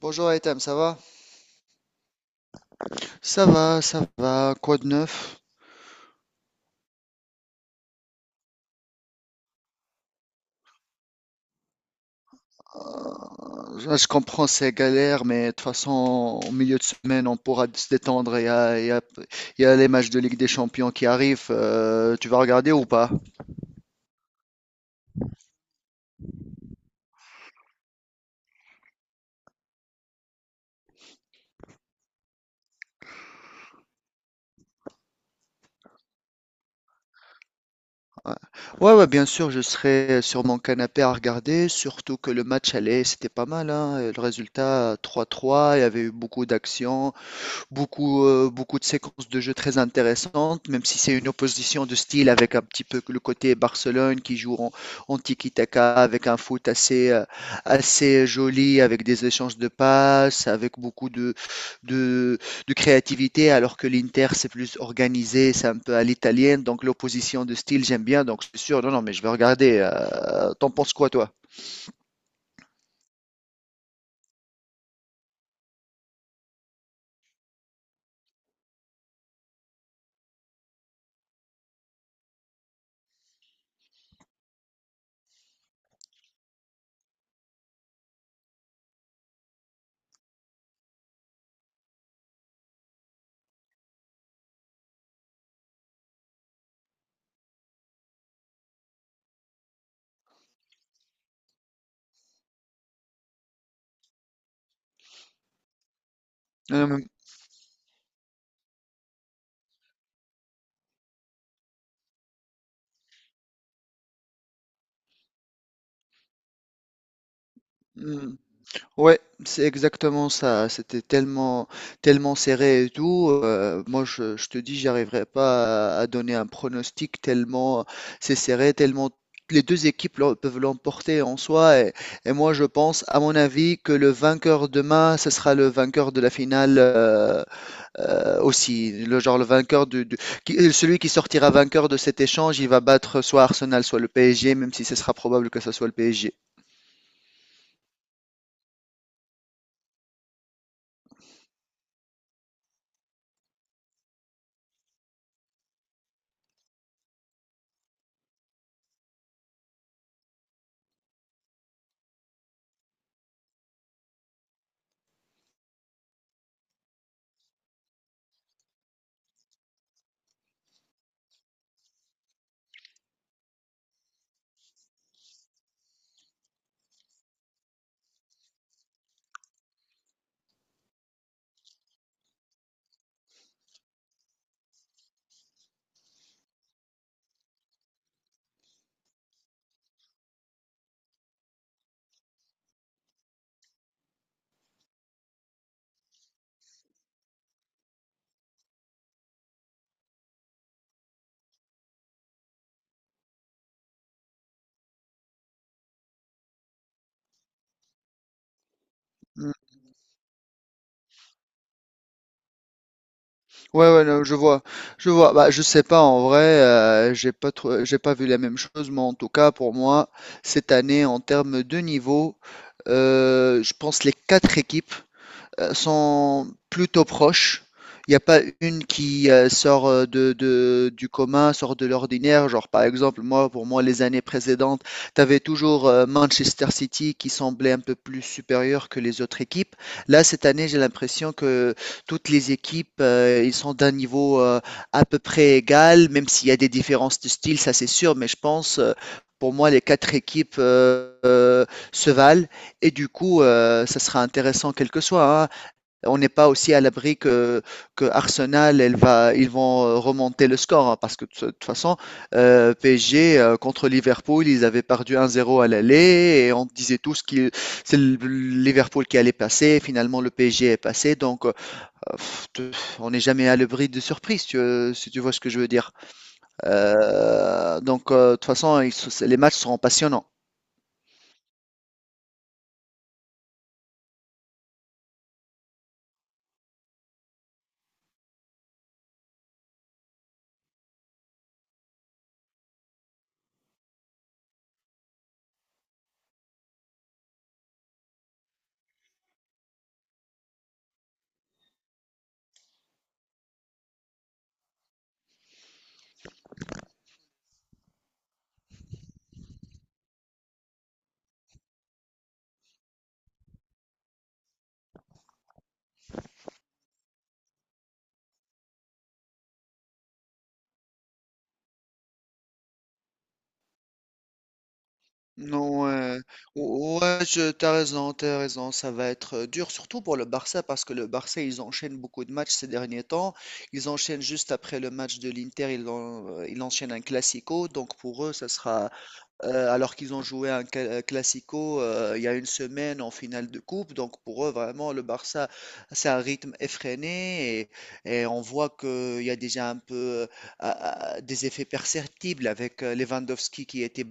Bonjour Etam, ça va? Ça va, ça va, quoi de neuf? Je comprends ces galères, mais de toute façon, au milieu de semaine, on pourra se détendre. Il y a, il y a- il y a les matchs de Ligue des Champions qui arrivent. Tu vas regarder ou pas? Ouais, ouais, bien sûr, je serai sur mon canapé à regarder, surtout que le match allait, c'était pas mal, hein. Le résultat 3-3, il y avait eu beaucoup d'actions. Beaucoup de séquences de jeu très intéressantes, même si c'est une opposition de style avec un petit peu le côté Barcelone qui joue en, en tiki-taka avec un foot assez joli, avec des échanges de passes, avec beaucoup de, de créativité, alors que l'Inter c'est plus organisé, c'est un peu à l'italienne, donc l'opposition de style j'aime bien, donc c'est sûr, non, non, mais je vais regarder. T'en penses quoi toi? Euh, Ouais, c'est exactement ça. C'était tellement serré et tout. Moi, je te dis, j'arriverai pas à donner un pronostic tellement c'est serré, tellement les deux équipes peuvent l'emporter en soi. Et moi, je pense, à mon avis, que le vainqueur demain, ce sera le vainqueur de la finale aussi. Le genre le vainqueur qui- celui qui sortira vainqueur de cet échange, il va battre soit Arsenal, soit le PSG, même si ce sera probable que ce soit le PSG. Ouais, ouais, non, je vois. Bah, je sais pas en vrai, j'ai pas vu la même chose, mais en tout cas pour moi cette année en termes de niveau, je pense les quatre équipes sont plutôt proches. Il n'y a pas une qui sort de, du commun, sort de l'ordinaire. Genre, par exemple, moi, pour moi, les années précédentes, tu avais toujours Manchester City qui semblait un peu plus supérieur que les autres équipes. Là, cette année, j'ai l'impression que toutes les équipes, ils sont d'un niveau à peu près égal, même s'il y a des différences de style, ça c'est sûr, mais je pense, pour moi, les quatre équipes se valent. Et du coup, ça sera intéressant quel que soit, hein. On n'est pas aussi à l'abri que Arsenal, ils vont remonter le score, hein, parce que de toute façon, PSG contre Liverpool, ils avaient perdu 1-0 à l'aller, et on disait tous que c'est Liverpool qui allait passer, finalement le PSG est passé, donc on n'est jamais à l'abri de surprise, si tu vois ce que je veux dire. De toute façon, ils les matchs seront passionnants. Non, ouais, ouais, t'as raison, ça va être dur, surtout pour le Barça, parce que le Barça, ils enchaînent beaucoup de matchs ces derniers temps. Ils enchaînent juste après le match de l'Inter, ils enchaînent un Classico, donc pour eux, ça sera, alors qu'ils ont joué Classico il y a une semaine en finale de coupe, donc pour eux, vraiment, le Barça, c'est un rythme effréné, et on voit qu'il y a déjà un peu des effets perceptibles avec Lewandowski qui était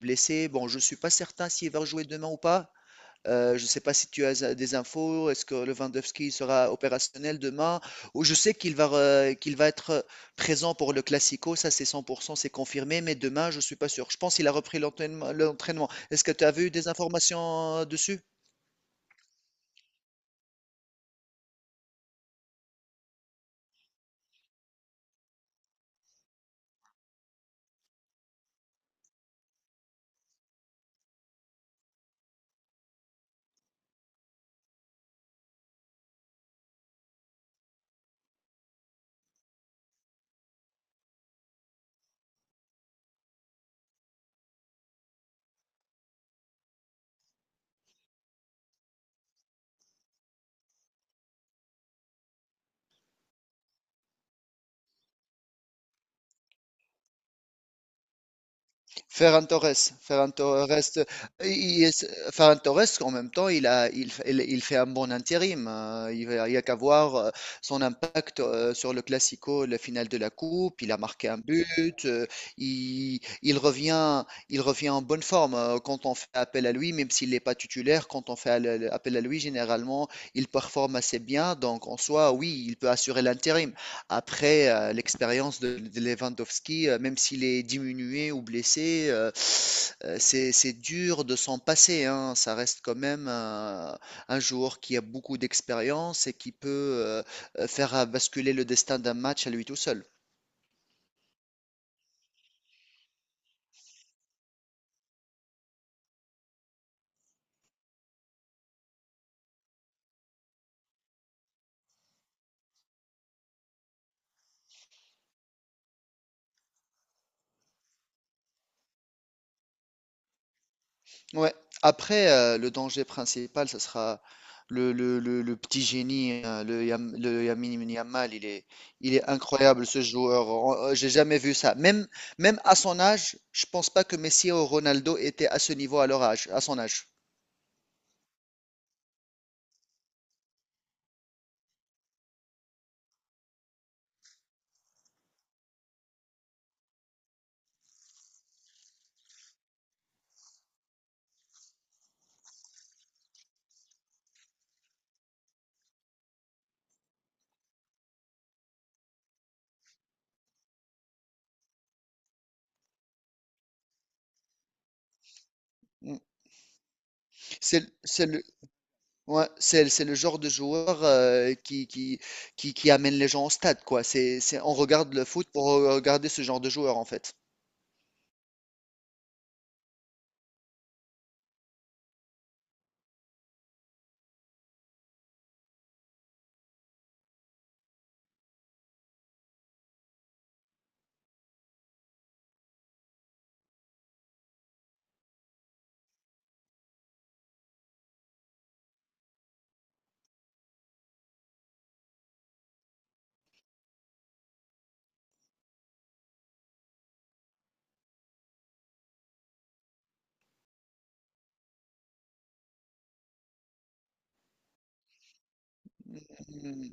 blessé. Bon, je ne suis pas certain s'il va rejouer demain ou pas. Je ne sais pas si tu as des infos. Est-ce que Lewandowski sera opérationnel demain? Ou je sais qu'il va être présent pour le Classico. Ça, c'est 100%, c'est confirmé. Mais demain, je ne suis pas sûr. Je pense qu'il a repris l'entraînement. Est-ce que tu as vu des informations dessus? Ferran Torres, il est- Ferran Torres, en même temps, il a, il, f- il fait un bon intérim. Il y a qu'à voir son impact sur le Classico, la finale de la Coupe. Il a marqué un but. Il, il revient, il revient en bonne forme quand on fait appel à lui, même s'il n'est pas titulaire. Quand on fait appel à lui, généralement, il performe assez bien. Donc, en soi, oui, il peut assurer l'intérim. Après, l'expérience de Lewandowski, même s'il est diminué ou blessé, c'est dur de s'en passer, hein. Ça reste quand même un joueur qui a beaucoup d'expérience et qui peut euh, faire basculer le destin d'un match à lui tout seul. Ouais. Après, le danger principal, ce sera le petit génie, hein, le Lamine Yamal. Il est incroyable, ce joueur. J'ai jamais vu ça. Même à son âge, je pense pas que Messi ou Ronaldo étaient à ce niveau à leur âge, à son âge. Mm. C'est, le- c'est le, ouais, c'est le genre de joueur qui amène les gens au stade, quoi. On regarde le foot pour regarder ce genre de joueur, en fait. Mm.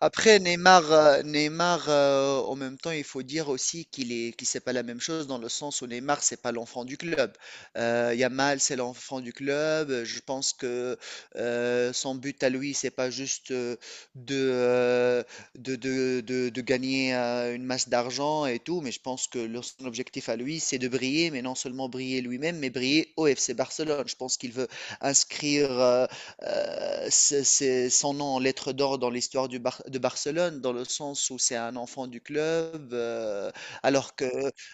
Neymar en même temps, il faut dire aussi qu'il- c'est pas la même chose dans le sens où Neymar, c'est pas l'enfant du club. Yamal, c'est l'enfant du club. Je pense que son but à lui, c'est pas juste de, euh, de gagner une masse d'argent et tout, mais je pense que son objectif à lui, c'est de briller, mais non seulement briller lui-même, mais briller au FC Barcelone. Je pense qu'il veut inscrire. C'est son nom en lettres d'or dans l'histoire de Barcelone, dans le sens où c'est un enfant du club, alors que,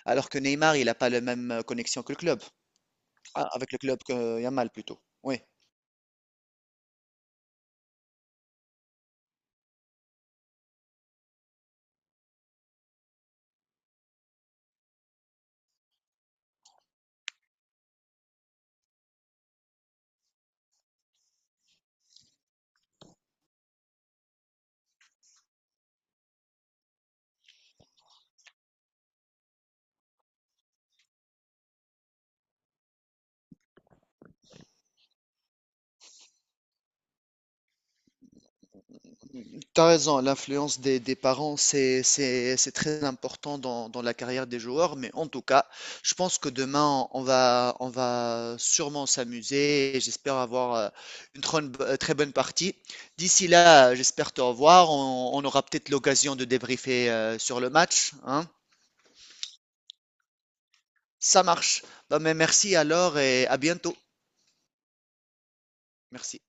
alors que Neymar, il n'a pas la même connexion que le club. Ah, avec le club que Yamal plutôt. Oui. T'as raison, l'influence des parents, c'est très important dans, dans la carrière des joueurs, mais en tout cas, je pense que demain, on va sûrement s'amuser et j'espère avoir très bonne partie. D'ici là, j'espère te revoir. On aura peut-être l'occasion de débriefer sur le match, hein. Ça marche. Bah, mais merci alors et à bientôt. Merci.